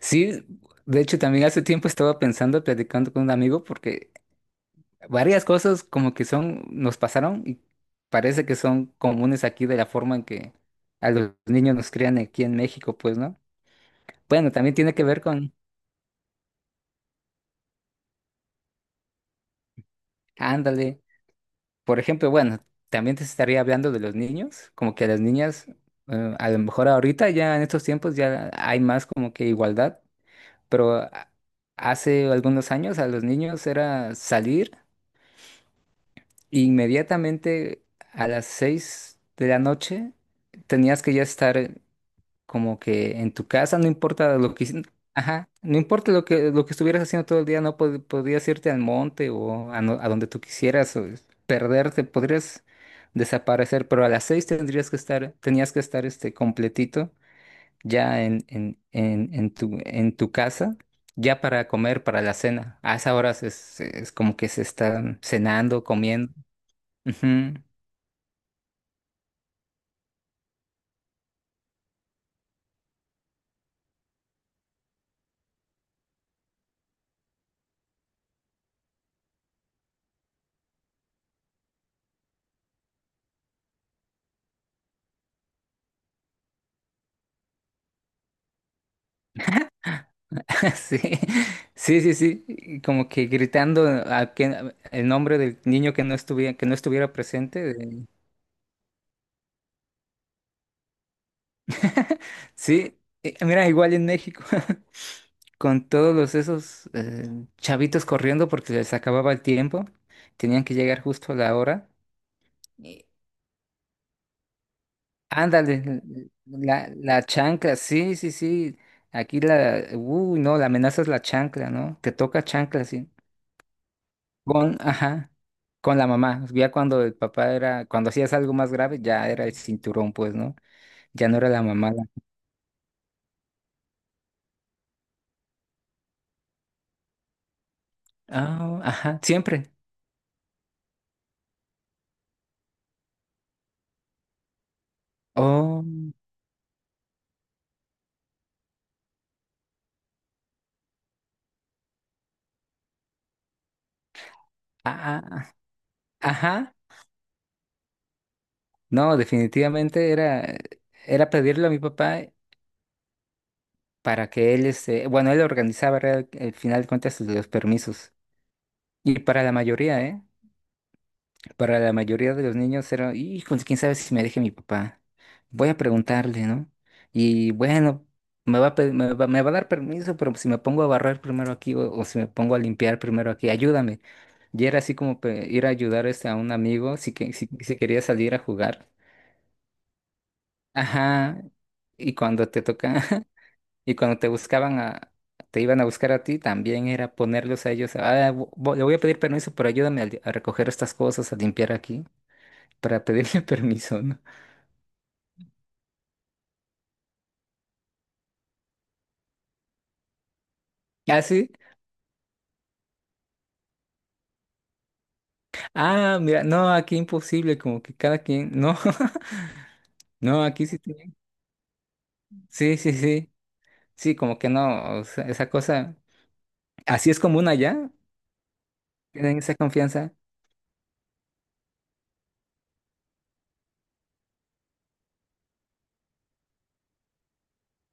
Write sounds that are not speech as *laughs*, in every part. Sí, de hecho también hace tiempo estaba pensando, platicando con un amigo, porque varias cosas como que son, nos pasaron y parece que son comunes aquí de la forma en que a los niños nos crían aquí en México, pues, ¿no? Bueno, también tiene que ver con, ándale, por ejemplo, bueno, también te estaría hablando de los niños, como que a las niñas, a lo mejor ahorita ya en estos tiempos ya hay más como que igualdad, pero hace algunos años a los niños era salir. Inmediatamente a las 6 de la noche tenías que ya estar como que en tu casa, no importa lo que, ajá, no importa lo que estuvieras haciendo todo el día, no podías irte al monte o a, a donde tú quisieras, o perderte, podrías desaparecer, pero a las 6 tendrías que estar, tenías que estar este completito ya en tu casa. Ya para comer, para la cena. A esa hora es como que se están cenando, comiendo. Ujú. *laughs* Sí, sí, sí, sí, y como que gritando a que, el nombre del niño que no estuviera presente. *laughs* Sí, mira, igual en México, *laughs* con todos los esos chavitos corriendo porque les acababa el tiempo, tenían que llegar justo a la hora. Y ándale, la chancla, sí, sí, sí, aquí la, uy, no, la amenaza es la chancla, ¿no? Te toca chancla, sí. Con, ajá. Con la mamá, ya cuando el papá era, cuando hacías algo más grave, ya era el cinturón, pues, ¿no? Ya no era la mamá. Ah, ajá, siempre. Oh, ah, ah, ajá. No, definitivamente era, era pedirle a mi papá para que él, este, bueno, él organizaba el final de cuentas los permisos. Y para la mayoría, ¿eh? Para la mayoría de los niños era, hijo, quién sabe si me deje mi papá. Voy a preguntarle, ¿no? Y bueno, me va a, pe- me va a dar permiso, pero si me pongo a barrer primero aquí o si me pongo a limpiar primero aquí, ayúdame. Y era así como ir a ayudar este, a un amigo si quería salir a jugar. Ajá. Y cuando te toca, *laughs* y cuando te buscaban a, te iban a buscar a ti, también era ponerlos a ellos. "Ah, le voy a pedir permiso, pero ayúdame a, a recoger estas cosas, a limpiar aquí para pedirle *laughs* permiso, ¿no? Ah, sí. Ah, mira, no, aquí imposible, como que cada quien, no, *laughs* no, aquí sí tienen. Sí, sí, sí, sí, como que no, o sea, esa cosa, así es común allá, tienen esa confianza.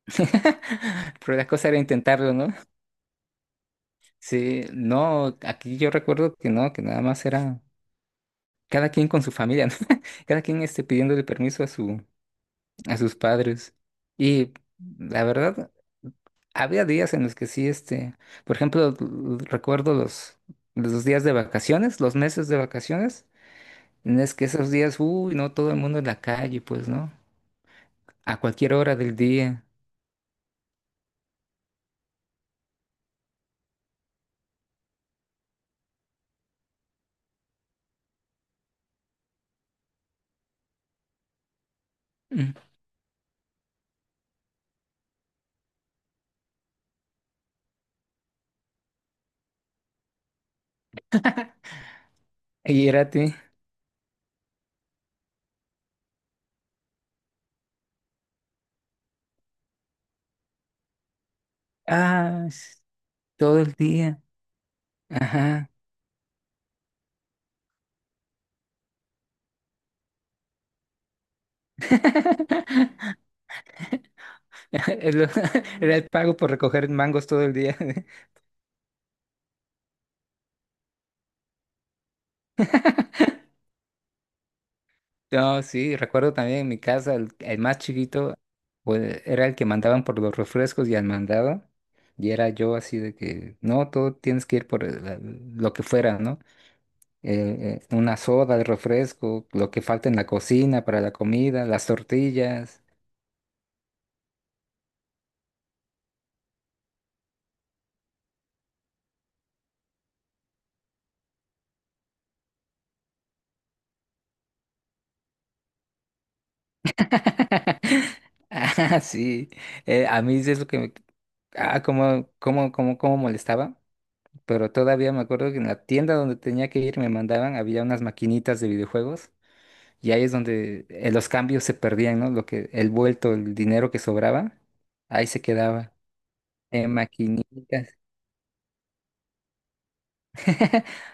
*laughs* Pero la cosa era intentarlo, ¿no? Sí, no, aquí yo recuerdo que no, que nada más era cada quien con su familia, ¿no? *laughs* Cada quien este, pidiéndole permiso a su, a sus padres. Y la verdad, había días en los que sí, este, por ejemplo, recuerdo los días de vacaciones, los meses de vacaciones, en es que esos días, uy, no todo el mundo en la calle, pues, ¿no? A cualquier hora del día. Mm. Y era a ti, ah, s- todo el día. Ajá. *laughs* El- Era el pago por recoger mangos todo el día. No, sí, recuerdo también en mi casa, el más chiquito, pues era el que mandaban por los refrescos y al mandaba. Y era yo así de que, no, todo tienes que ir por lo que fuera, ¿no? Una soda, el refresco, lo que falta en la cocina para la comida, las tortillas. *laughs* Ah, sí. A mí sí es lo que me... Ah, cómo molestaba. Pero todavía me acuerdo que en la tienda donde tenía que ir me mandaban, había unas maquinitas de videojuegos. Y ahí es donde los cambios se perdían, ¿no? Lo que, el vuelto, el dinero que sobraba, ahí se quedaba. En maquinitas. *laughs*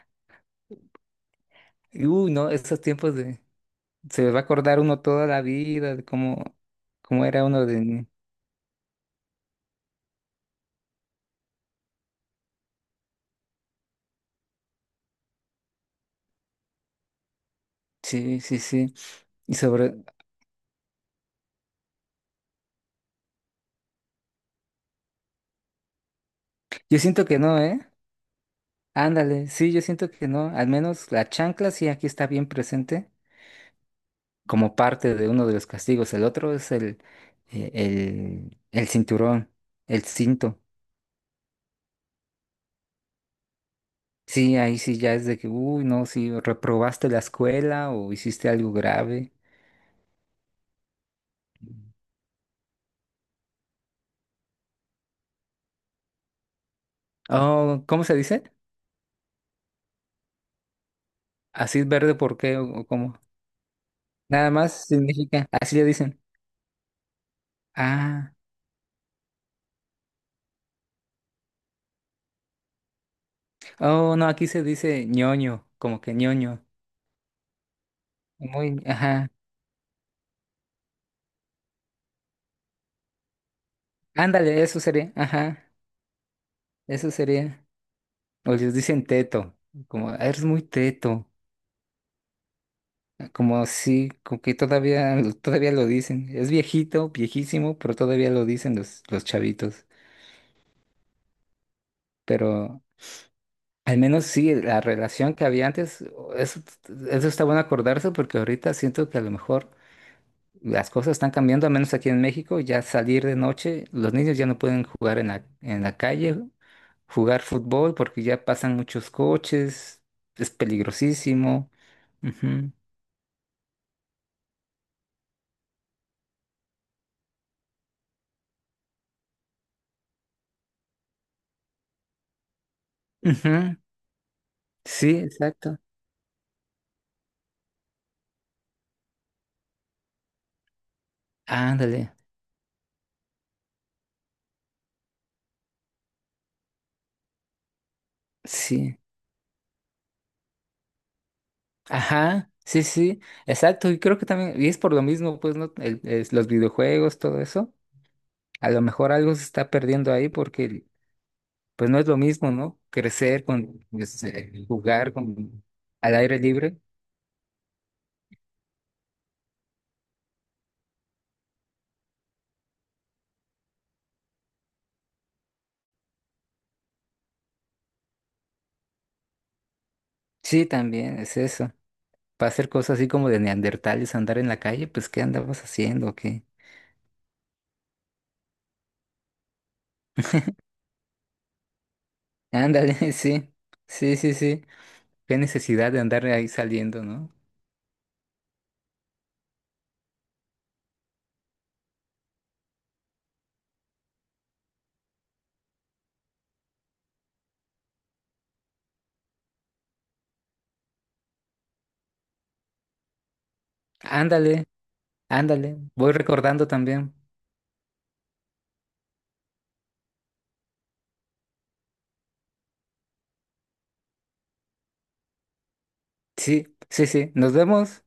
Y, uy, no, esos tiempos de... Se va a acordar uno toda la vida de cómo era uno de... Sí, sí, sí. Y sobre... Yo siento que no, ¿eh? Ándale, sí, yo siento que no. Al menos la chancla sí aquí está bien presente como parte de uno de los castigos. El otro es el cinturón, el cinto. Sí, ahí sí ya es de que, uy, no, si reprobaste la escuela o hiciste algo grave. Oh, ¿cómo se dice? Así es verde, ¿por qué? ¿O cómo? Nada más significa, así le dicen. Ah, oh, no, aquí se dice ñoño, como que ñoño. Muy, ajá. Ándale, eso sería, ajá, eso sería. O les dicen teto, como, "Ah, eres muy teto, como así, como que todavía, todavía lo dicen. Es viejito, viejísimo, pero todavía lo dicen los chavitos. Pero al menos sí, la relación que había antes, eso, eso está bueno acordarse porque ahorita siento que a lo mejor las cosas están cambiando, al menos aquí en México, ya salir de noche, los niños ya no pueden jugar en en la calle, jugar fútbol porque ya pasan muchos coches, es peligrosísimo. Ujú, ujú, sí, exacto. Ándale, sí. Ajá, sí, sí, exacto. Y creo que también, y es por lo mismo, pues, ¿no? Es los videojuegos, todo eso a lo mejor algo se está perdiendo ahí porque pues no es lo mismo, ¿no? Crecer con pues, jugar con al aire libre. Sí, también es eso. Para hacer cosas así como de neandertales, andar en la calle, pues ¿qué andamos haciendo? ¿Qué? Ándale, *laughs* sí. Sí, sí, sí. Qué necesidad de andar ahí saliendo, ¿no? Ándale, ándale. Voy recordando también. Sí, sí, sí. Nos vemos.